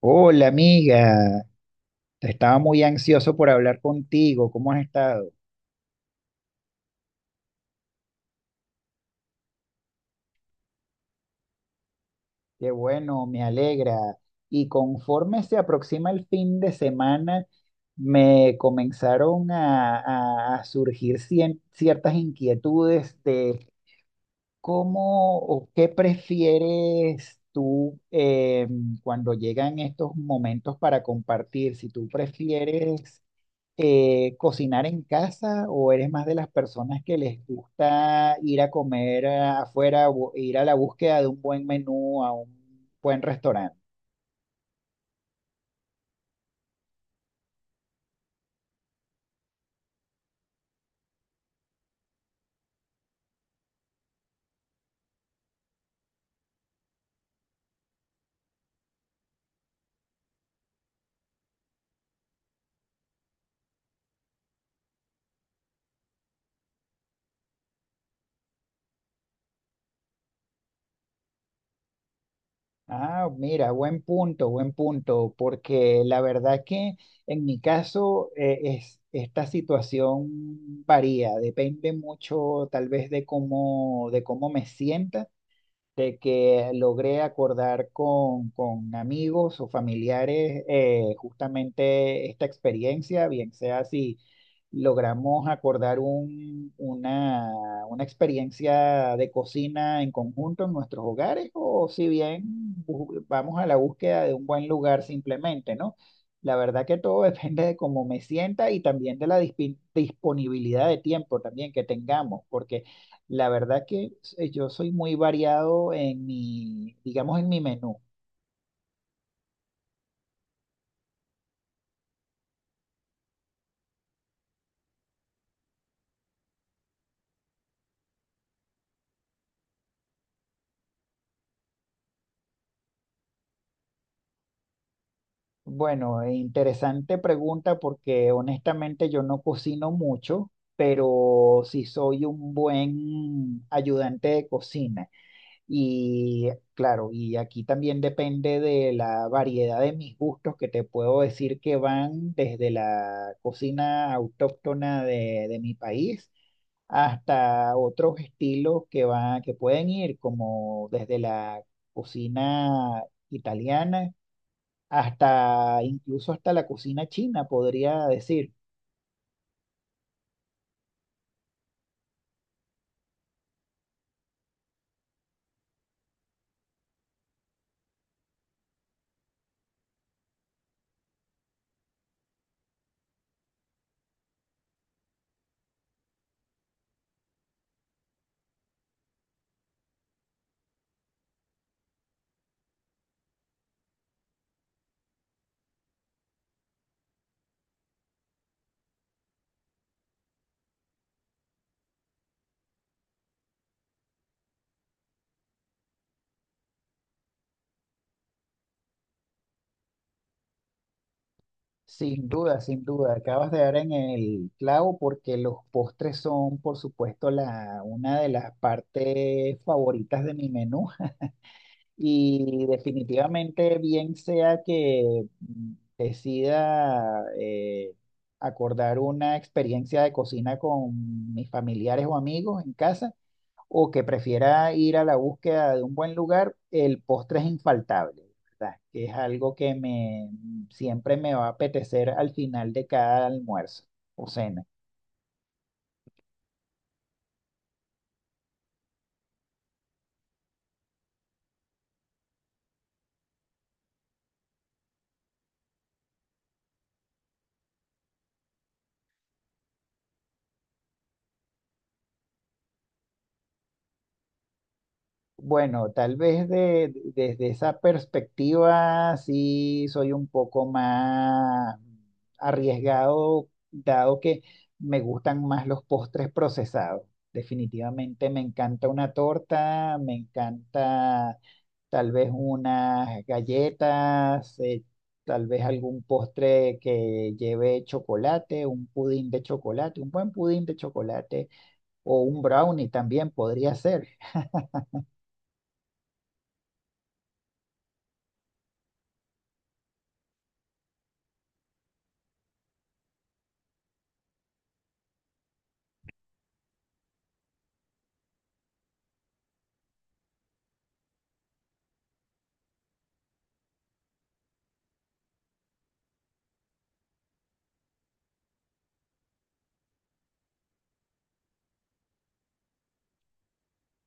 Hola amiga, estaba muy ansioso por hablar contigo. ¿Cómo has estado? Qué bueno, me alegra. Y conforme se aproxima el fin de semana, me comenzaron a surgir ciertas inquietudes de cómo o qué prefieres tú cuando llegan estos momentos para compartir, si tú prefieres cocinar en casa o eres más de las personas que les gusta ir a comer afuera o ir a la búsqueda de un buen menú, ¿a un buen restaurante? Ah, mira, buen punto, porque la verdad que en mi caso, esta situación varía, depende mucho tal vez de de cómo me sienta, de que logré acordar con amigos o familiares justamente esta experiencia, bien sea si logramos acordar una experiencia de cocina en conjunto en nuestros hogares, o si bien vamos a la búsqueda de un buen lugar simplemente, ¿no? La verdad que todo depende de cómo me sienta, y también de la disponibilidad de tiempo también que tengamos, porque la verdad que yo soy muy variado en mi, digamos, en mi menú. Bueno, interesante pregunta porque honestamente yo no cocino mucho, pero sí soy un buen ayudante de cocina. Y claro, y aquí también depende de la variedad de mis gustos, que te puedo decir que van desde la cocina autóctona de mi país, hasta otros estilos que van, que pueden ir como desde la cocina italiana hasta incluso hasta la cocina china, podría decir. Sin duda, sin duda, acabas de dar en el clavo porque los postres son, por supuesto, una de las partes favoritas de mi menú. Y definitivamente, bien sea que decida acordar una experiencia de cocina con mis familiares o amigos en casa, o que prefiera ir a la búsqueda de un buen lugar, el postre es infaltable, ¿verdad? Que es algo que me siempre me va a apetecer al final de cada almuerzo o cena. Bueno, tal vez desde esa perspectiva sí soy un poco más arriesgado, dado que me gustan más los postres procesados. Definitivamente me encanta una torta, me encanta tal vez unas galletas, tal vez algún postre que lleve chocolate, un pudín de chocolate, un buen pudín de chocolate o un brownie también podría ser.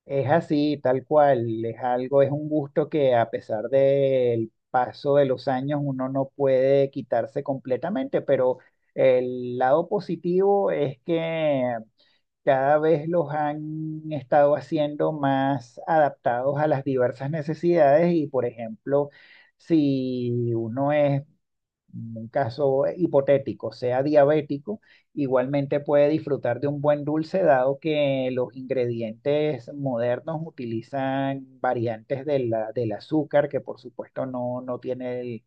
Es así, tal cual, es algo, es un gusto que a pesar del paso de los años uno no puede quitarse completamente, pero el lado positivo es que cada vez los han estado haciendo más adaptados a las diversas necesidades y, por ejemplo, si uno es, un caso hipotético, sea diabético, igualmente puede disfrutar de un buen dulce, dado que los ingredientes modernos utilizan variantes de del azúcar, que por supuesto no tiene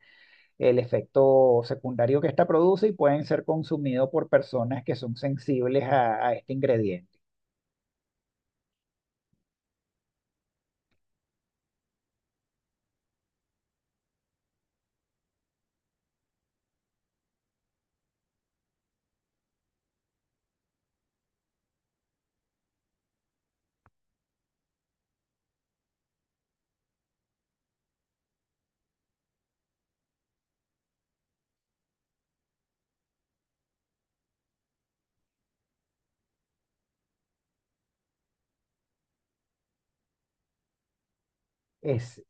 el efecto secundario que esta produce, y pueden ser consumidos por personas que son sensibles a este ingrediente. Es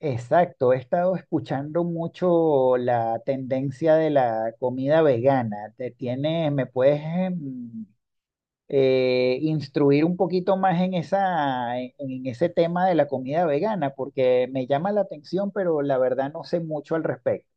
exacto, he estado escuchando mucho la tendencia de la comida vegana. Te tienes, me puedes, instruir un poquito más en esa, en ese tema de la comida vegana, porque me llama la atención, pero la verdad no sé mucho al respecto.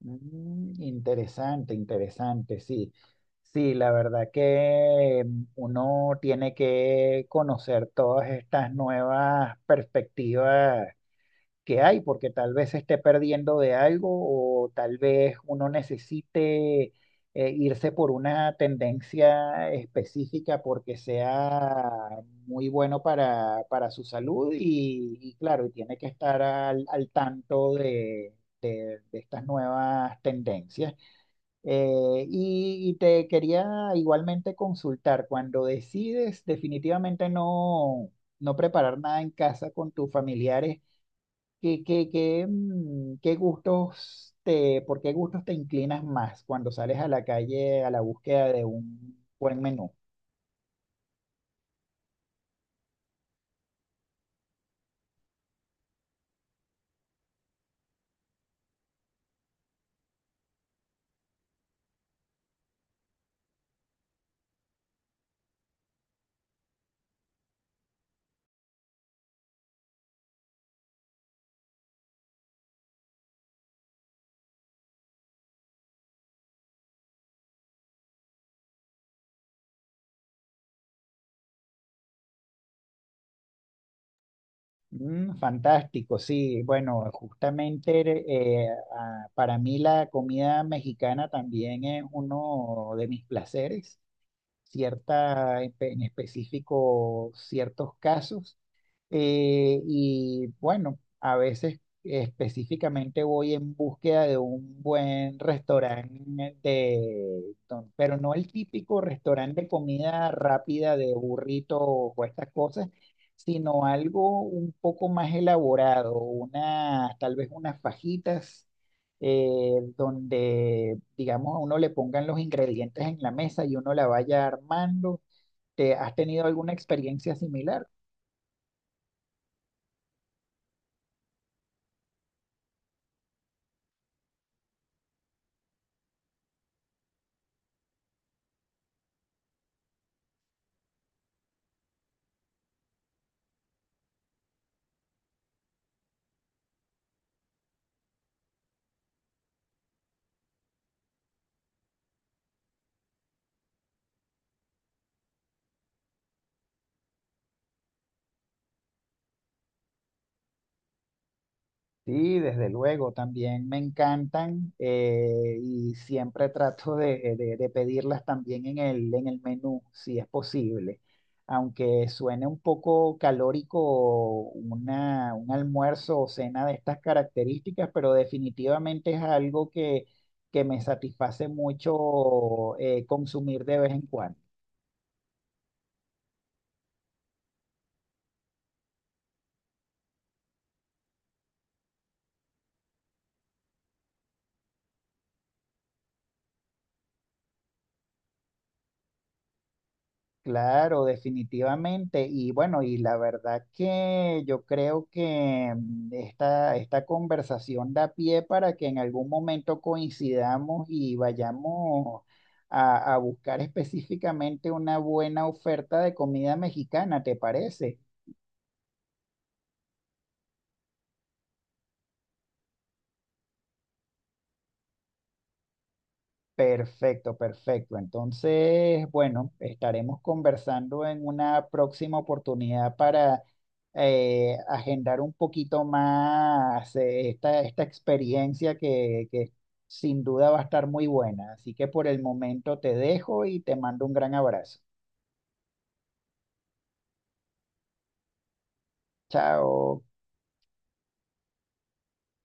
Mm, interesante, interesante, sí. Sí, la verdad que uno tiene que conocer todas estas nuevas perspectivas que hay, porque tal vez se esté perdiendo de algo, o tal vez uno necesite irse por una tendencia específica porque sea muy bueno para su salud, y claro, y tiene que estar al, al tanto de, de estas nuevas tendencias. Y te quería igualmente consultar, cuando decides definitivamente no preparar nada en casa con tus familiares, ¿qué, qué, qué, qué gustos te, por qué gustos te inclinas más cuando sales a la calle a la búsqueda de un buen menú? Mm, fantástico, sí. Bueno, justamente para mí la comida mexicana también es uno de mis placeres. Cierta, en específico, ciertos casos. Y bueno, a veces específicamente voy en búsqueda de un buen restaurante pero no el típico restaurante de comida rápida de burrito o estas cosas, sino algo un poco más elaborado, tal vez unas fajitas, eh, donde, digamos, a uno le pongan los ingredientes en la mesa y uno la vaya armando. ¿Te has tenido alguna experiencia similar? Sí, desde luego, también me encantan, y siempre trato de, de pedirlas también en el menú, si es posible. Aunque suene un poco calórico un almuerzo o cena de estas características, pero definitivamente es algo que me satisface mucho consumir de vez en cuando. Claro, definitivamente. Y bueno, y la verdad que yo creo que esta, esta conversación da pie para que en algún momento coincidamos y vayamos a buscar específicamente una buena oferta de comida mexicana, ¿te parece? Perfecto, perfecto. Entonces, bueno, estaremos conversando en una próxima oportunidad para agendar un poquito más esta, esta experiencia que sin duda va a estar muy buena. Así que por el momento te dejo y te mando un gran abrazo. Chao.